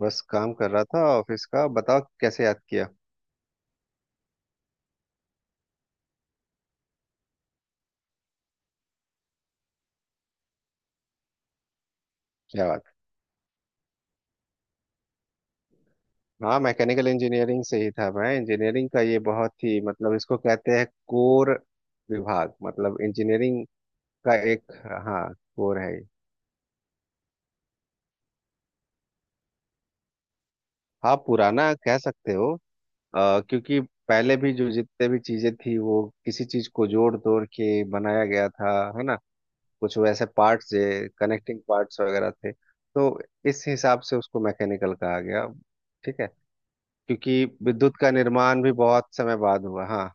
बस काम कर रहा था ऑफिस का। बताओ कैसे याद किया। क्या बात। हाँ मैकेनिकल इंजीनियरिंग से ही था मैं। इंजीनियरिंग का ये बहुत ही मतलब इसको कहते हैं कोर विभाग। मतलब इंजीनियरिंग का एक, हाँ कोर है ये। हाँ पुराना कह सकते हो। क्योंकि पहले भी जो जितने भी चीजें थी वो किसी चीज को जोड़ तोड़ के बनाया गया था। है ना, कुछ वैसे पार्ट्स, कनेक्टिंग पार्ट्स वगैरह थे। तो इस हिसाब से उसको मैकेनिकल कहा गया। ठीक है, क्योंकि विद्युत का निर्माण भी बहुत समय बाद हुआ। हाँ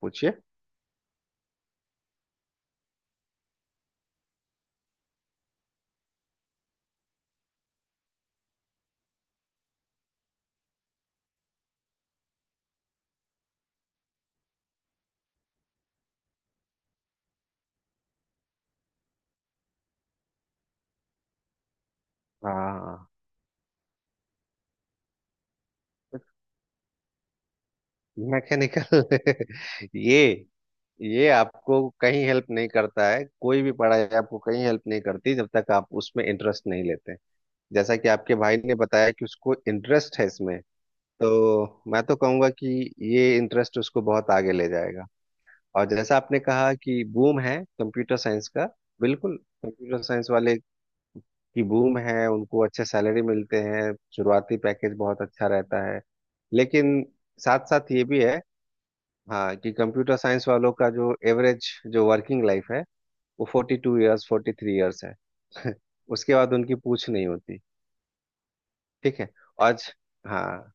पूछिए। हाँ मैकेनिकल ये ये आपको कहीं हेल्प नहीं करता है। कोई भी पढ़ाई आपको कहीं हेल्प नहीं करती जब तक आप उसमें इंटरेस्ट नहीं लेते। जैसा कि आपके भाई ने बताया कि उसको इंटरेस्ट है इसमें। तो मैं तो कहूंगा कि ये इंटरेस्ट उसको बहुत आगे ले जाएगा। और जैसा आपने कहा कि बूम है कंप्यूटर साइंस का। बिल्कुल, कंप्यूटर साइंस वाले की बूम है, उनको अच्छे सैलरी मिलते हैं। शुरुआती पैकेज बहुत अच्छा रहता है। लेकिन साथ साथ ये भी है, हाँ, कि कंप्यूटर साइंस वालों का जो एवरेज जो वर्किंग लाइफ है वो 42 ईयर्स 43 ईयर्स है। उसके बाद उनकी पूछ नहीं होती। ठीक है। आज, हाँ,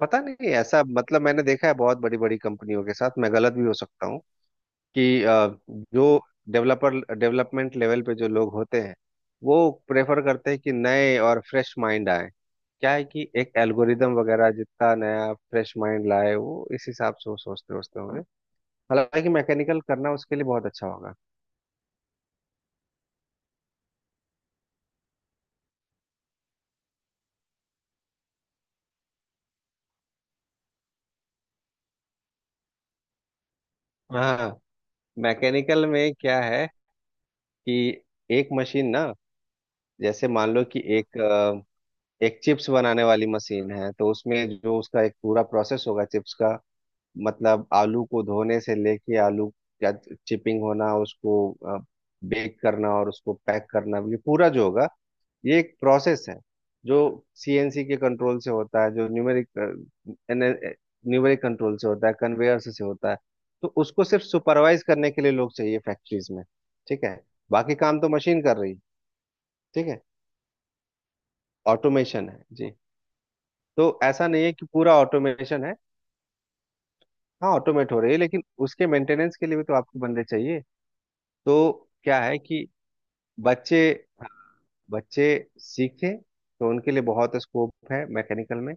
पता नहीं, ऐसा मतलब मैंने देखा है बहुत बड़ी बड़ी कंपनियों के साथ, मैं गलत भी हो सकता हूँ कि जो डेवलपर डेवलपमेंट लेवल पे जो लोग होते हैं वो प्रेफर करते हैं कि नए और फ्रेश माइंड आए। क्या है कि एक एल्गोरिदम वगैरह जितना नया फ्रेश माइंड लाए वो इस हिसाब से वो सोचते सोचते होंगे। हालांकि मैकेनिकल करना उसके लिए बहुत अच्छा होगा। हाँ मैकेनिकल में क्या है कि एक मशीन ना, जैसे मान लो कि एक एक चिप्स बनाने वाली मशीन है, तो उसमें जो उसका एक पूरा प्रोसेस होगा चिप्स का, मतलब आलू को धोने से लेके आलू का चिपिंग होना, उसको बेक करना और उसको पैक करना, ये पूरा जो होगा ये एक प्रोसेस है, जो सीएनसी के कंट्रोल से होता है, जो न्यूमेरिक न्यूमेरिक कंट्रोल से होता है, कन्वेयर से होता है। तो उसको सिर्फ सुपरवाइज करने के लिए लोग चाहिए फैक्ट्रीज में। ठीक है, बाकी काम तो मशीन कर रही है। ठीक है, ऑटोमेशन है जी। तो ऐसा नहीं है कि पूरा ऑटोमेशन है। हाँ ऑटोमेट हो रही है, लेकिन उसके मेंटेनेंस के लिए भी तो आपको बंदे चाहिए। तो क्या है कि बच्चे बच्चे सीखें तो उनके लिए बहुत स्कोप है मैकेनिकल में।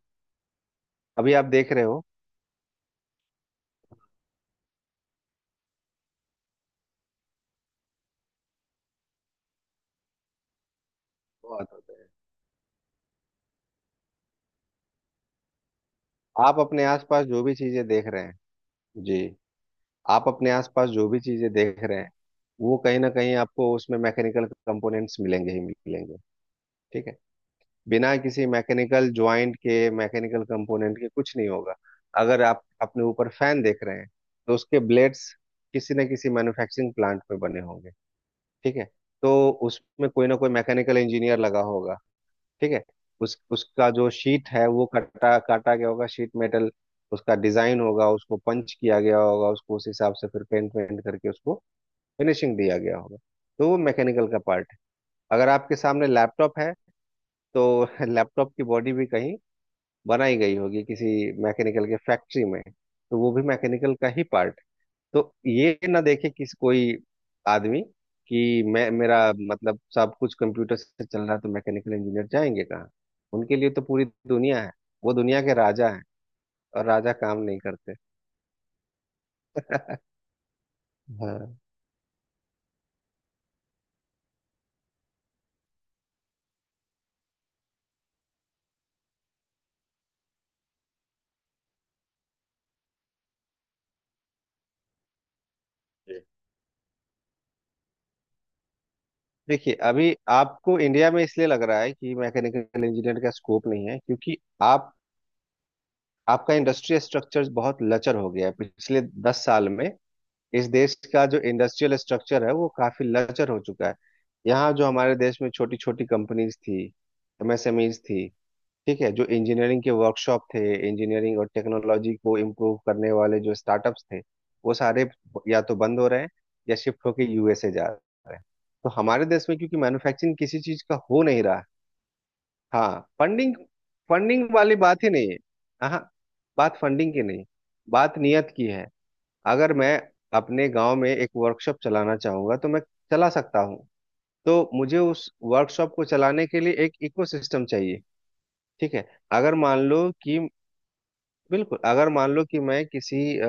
अभी आप देख रहे हो, बहुत होता है। आप अपने आसपास जो भी चीजें देख रहे हैं। जी, आप अपने आसपास जो भी चीजें देख रहे हैं वो कहीं ना कहीं आपको उसमें मैकेनिकल कंपोनेंट्स मिलेंगे ही मिलेंगे। ठीक है, बिना किसी मैकेनिकल ज्वाइंट के, मैकेनिकल कंपोनेंट के कुछ नहीं होगा। अगर आप अपने ऊपर फैन देख रहे हैं, तो उसके ब्लेड्स किसी न किसी मैन्युफैक्चरिंग प्लांट में बने होंगे। ठीक है, तो उसमें कोई ना कोई मैकेनिकल इंजीनियर लगा होगा। ठीक है, उस उसका जो शीट है वो कटा काटा गया होगा, शीट मेटल, उसका डिजाइन होगा, उसको पंच किया गया होगा, उसको उस हिसाब से फिर पेंट वेंट करके उसको फिनिशिंग दिया गया होगा। तो वो मैकेनिकल का पार्ट है। अगर आपके सामने लैपटॉप है तो लैपटॉप की बॉडी भी कहीं बनाई गई होगी किसी मैकेनिकल के फैक्ट्री में। तो वो भी मैकेनिकल का ही पार्ट। तो ये ना देखे किसी कोई आदमी कि मैं, मेरा मतलब, सब कुछ कंप्यूटर से चल रहा है तो मैकेनिकल इंजीनियर जाएंगे कहाँ। उनके लिए तो पूरी दुनिया है। वो दुनिया के राजा हैं, और राजा काम नहीं करते। हाँ जी। देखिए अभी आपको इंडिया में इसलिए लग रहा है कि मैकेनिकल इंजीनियर का स्कोप नहीं है क्योंकि आप आपका इंडस्ट्री स्ट्रक्चर बहुत लचर हो गया है पिछले 10 साल में। इस देश का जो इंडस्ट्रियल स्ट्रक्चर है वो काफी लचर हो चुका है। यहाँ जो हमारे देश में छोटी छोटी कंपनीज थी, एमएसएमईज थी, ठीक है, जो इंजीनियरिंग के वर्कशॉप थे, इंजीनियरिंग और टेक्नोलॉजी को इम्प्रूव करने वाले जो स्टार्टअप्स थे, वो सारे या तो बंद हो रहे हैं या शिफ्ट होके यूएसए जा रहे हैं। तो हमारे देश में क्योंकि मैन्युफैक्चरिंग किसी चीज का हो नहीं रहा है। हाँ, फंडिंग फंडिंग वाली बात ही नहीं है। हाँ, बात फंडिंग की नहीं, बात नियत की है। अगर मैं अपने गांव में एक वर्कशॉप चलाना चाहूंगा तो मैं चला सकता हूँ। तो मुझे उस वर्कशॉप को चलाने के लिए एक इकोसिस्टम चाहिए। ठीक है, अगर मान लो कि, बिल्कुल, अगर मान लो कि मैं किसी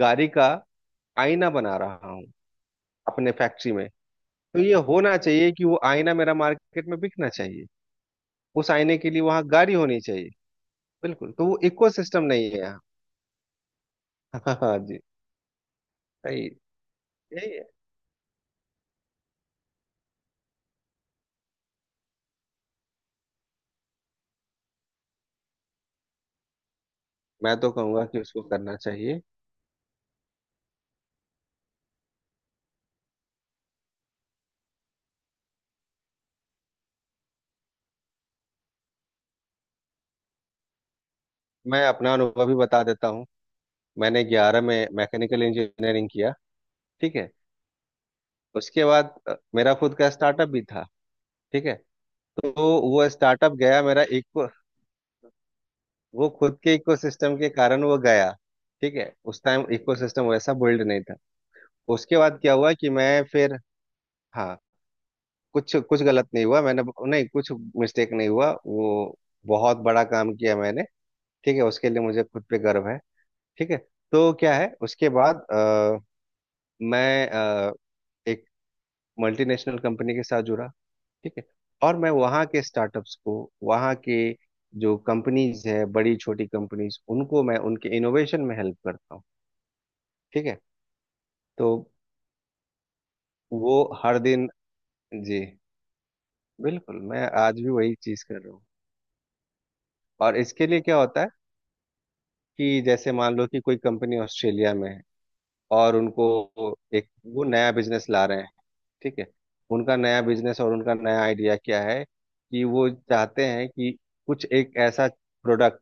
गाड़ी का आईना बना रहा हूँ अपने फैक्ट्री में। तो ये होना चाहिए कि वो आईना मेरा मार्केट में बिकना चाहिए। उस आईने के लिए वहां गाड़ी होनी चाहिए। बिल्कुल, तो वो इकोसिस्टम नहीं है यहाँ। हाँ जी, सही, यही है। मैं तो कहूंगा कि उसको करना चाहिए। मैं अपना अनुभव भी बता देता हूँ। मैंने 11 में मैकेनिकल इंजीनियरिंग किया। ठीक है, उसके बाद मेरा खुद का स्टार्टअप भी था। ठीक है, तो वो स्टार्टअप गया मेरा, इको, वो खुद के इकोसिस्टम के कारण वो गया। ठीक है, उस टाइम इकोसिस्टम वैसा बिल्ड नहीं था। उसके बाद क्या हुआ कि मैं फिर, हाँ, कुछ कुछ गलत नहीं हुआ मैंने, नहीं कुछ मिस्टेक नहीं हुआ, वो बहुत बड़ा काम किया मैंने। ठीक है, उसके लिए मुझे खुद पे गर्व है। ठीक है, तो क्या है उसके बाद मैं एक मल्टीनेशनल कंपनी के साथ जुड़ा। ठीक है, और मैं वहाँ के स्टार्टअप्स को, वहाँ के जो कंपनीज है, बड़ी छोटी कंपनीज, उनको मैं उनके इनोवेशन में हेल्प करता हूँ। ठीक है, तो वो हर दिन, जी, बिल्कुल, मैं आज भी वही चीज़ कर रहा हूँ। और इसके लिए क्या होता है कि जैसे मान लो कि कोई कंपनी ऑस्ट्रेलिया में है, और उनको एक, वो नया बिजनेस ला रहे हैं। ठीक है, उनका नया बिजनेस और उनका नया आइडिया क्या है कि वो चाहते हैं कि कुछ एक ऐसा प्रोडक्ट,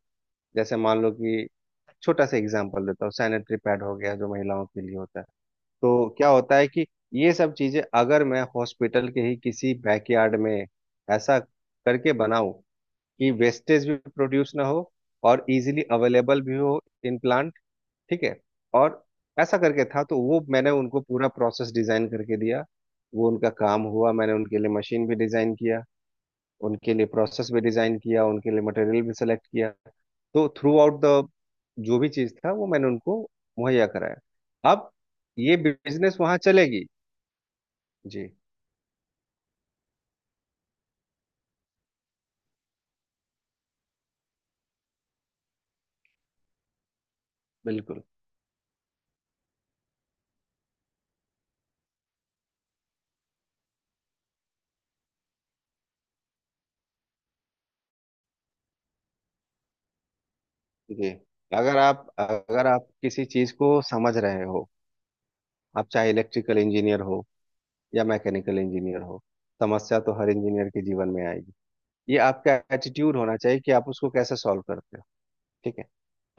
जैसे मान लो कि, छोटा सा एग्जांपल देता हूँ, सैनिटरी पैड हो गया जो महिलाओं के लिए होता है। तो क्या होता है कि ये सब चीजें अगर मैं हॉस्पिटल के ही किसी बैकयार्ड में ऐसा करके बनाऊं कि वेस्टेज भी प्रोड्यूस ना हो और इजीली अवेलेबल भी हो, इन प्लांट। ठीक है, और ऐसा करके था तो वो मैंने उनको पूरा प्रोसेस डिजाइन करके दिया। वो उनका काम हुआ, मैंने उनके लिए मशीन भी डिजाइन किया, उनके लिए प्रोसेस भी डिजाइन किया, उनके लिए मटेरियल भी सेलेक्ट किया। तो थ्रू आउट द, जो भी चीज था वो मैंने उनको मुहैया कराया। अब ये बिजनेस वहां चलेगी। जी, बिल्कुल जी, अगर आप किसी चीज को समझ रहे हो, आप चाहे इलेक्ट्रिकल इंजीनियर हो या मैकेनिकल इंजीनियर हो, समस्या तो हर इंजीनियर के जीवन में आएगी। ये आपका एटीट्यूड होना चाहिए कि आप उसको कैसे सॉल्व करते हो। ठीक है,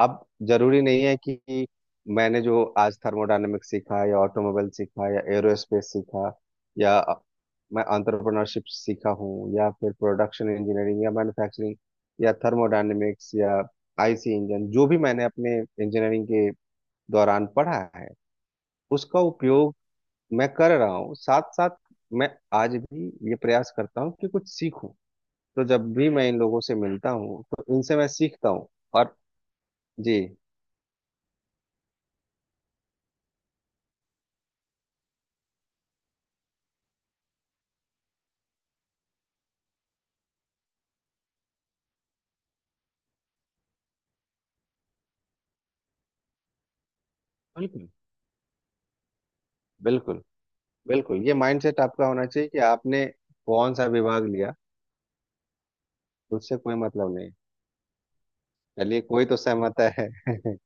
अब जरूरी नहीं है कि मैंने जो आज थर्मोडायनेमिक्स सीखा या ऑटोमोबाइल सीखा या एरोस्पेस सीखा या मैं अंतरप्रेन्योरशिप सीखा हूँ या फिर प्रोडक्शन इंजीनियरिंग या मैन्युफैक्चरिंग या थर्मोडायनेमिक्स या आईसी इंजन, जो भी मैंने अपने इंजीनियरिंग के दौरान पढ़ा है, उसका उपयोग मैं कर रहा हूँ। साथ साथ मैं आज भी ये प्रयास करता हूँ कि कुछ सीखूं। तो जब भी मैं इन लोगों से मिलता हूँ तो इनसे मैं सीखता हूँ। और जी, बिल्कुल, बिल्कुल, बिल्कुल ये माइंडसेट आपका होना चाहिए कि आपने कौन सा विभाग लिया उससे कोई मतलब नहीं। चलिए, कोई तो सहमत है।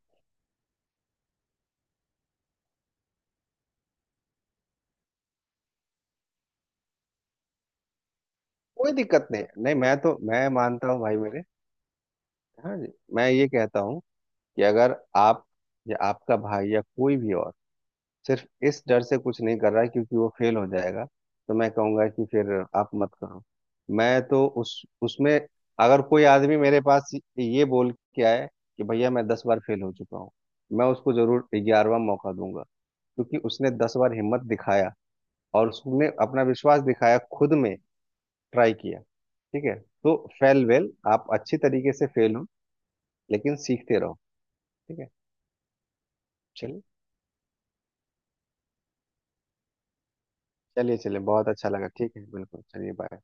कोई दिक्कत नहीं, नहीं, मैं मानता हूँ भाई मेरे। हाँ जी, मैं ये कहता हूँ कि अगर आप या आपका भाई या कोई भी और सिर्फ इस डर से कुछ नहीं कर रहा है क्योंकि वो फेल हो जाएगा, तो मैं कहूँगा कि फिर आप मत करो। मैं तो उस उसमें, अगर कोई आदमी मेरे पास ये बोल के आए कि भैया मैं 10 बार फेल हो चुका हूँ, मैं उसको जरूर 11वां मौका दूंगा, क्योंकि उसने 10 बार हिम्मत दिखाया और उसने अपना विश्वास दिखाया खुद में, ट्राई किया। ठीक है, तो फेल वेल आप अच्छी तरीके से फेल हो, लेकिन सीखते रहो। ठीक है, चलिए चलिए चलिए, बहुत अच्छा लगा। ठीक है, बिल्कुल, चलिए, बाय।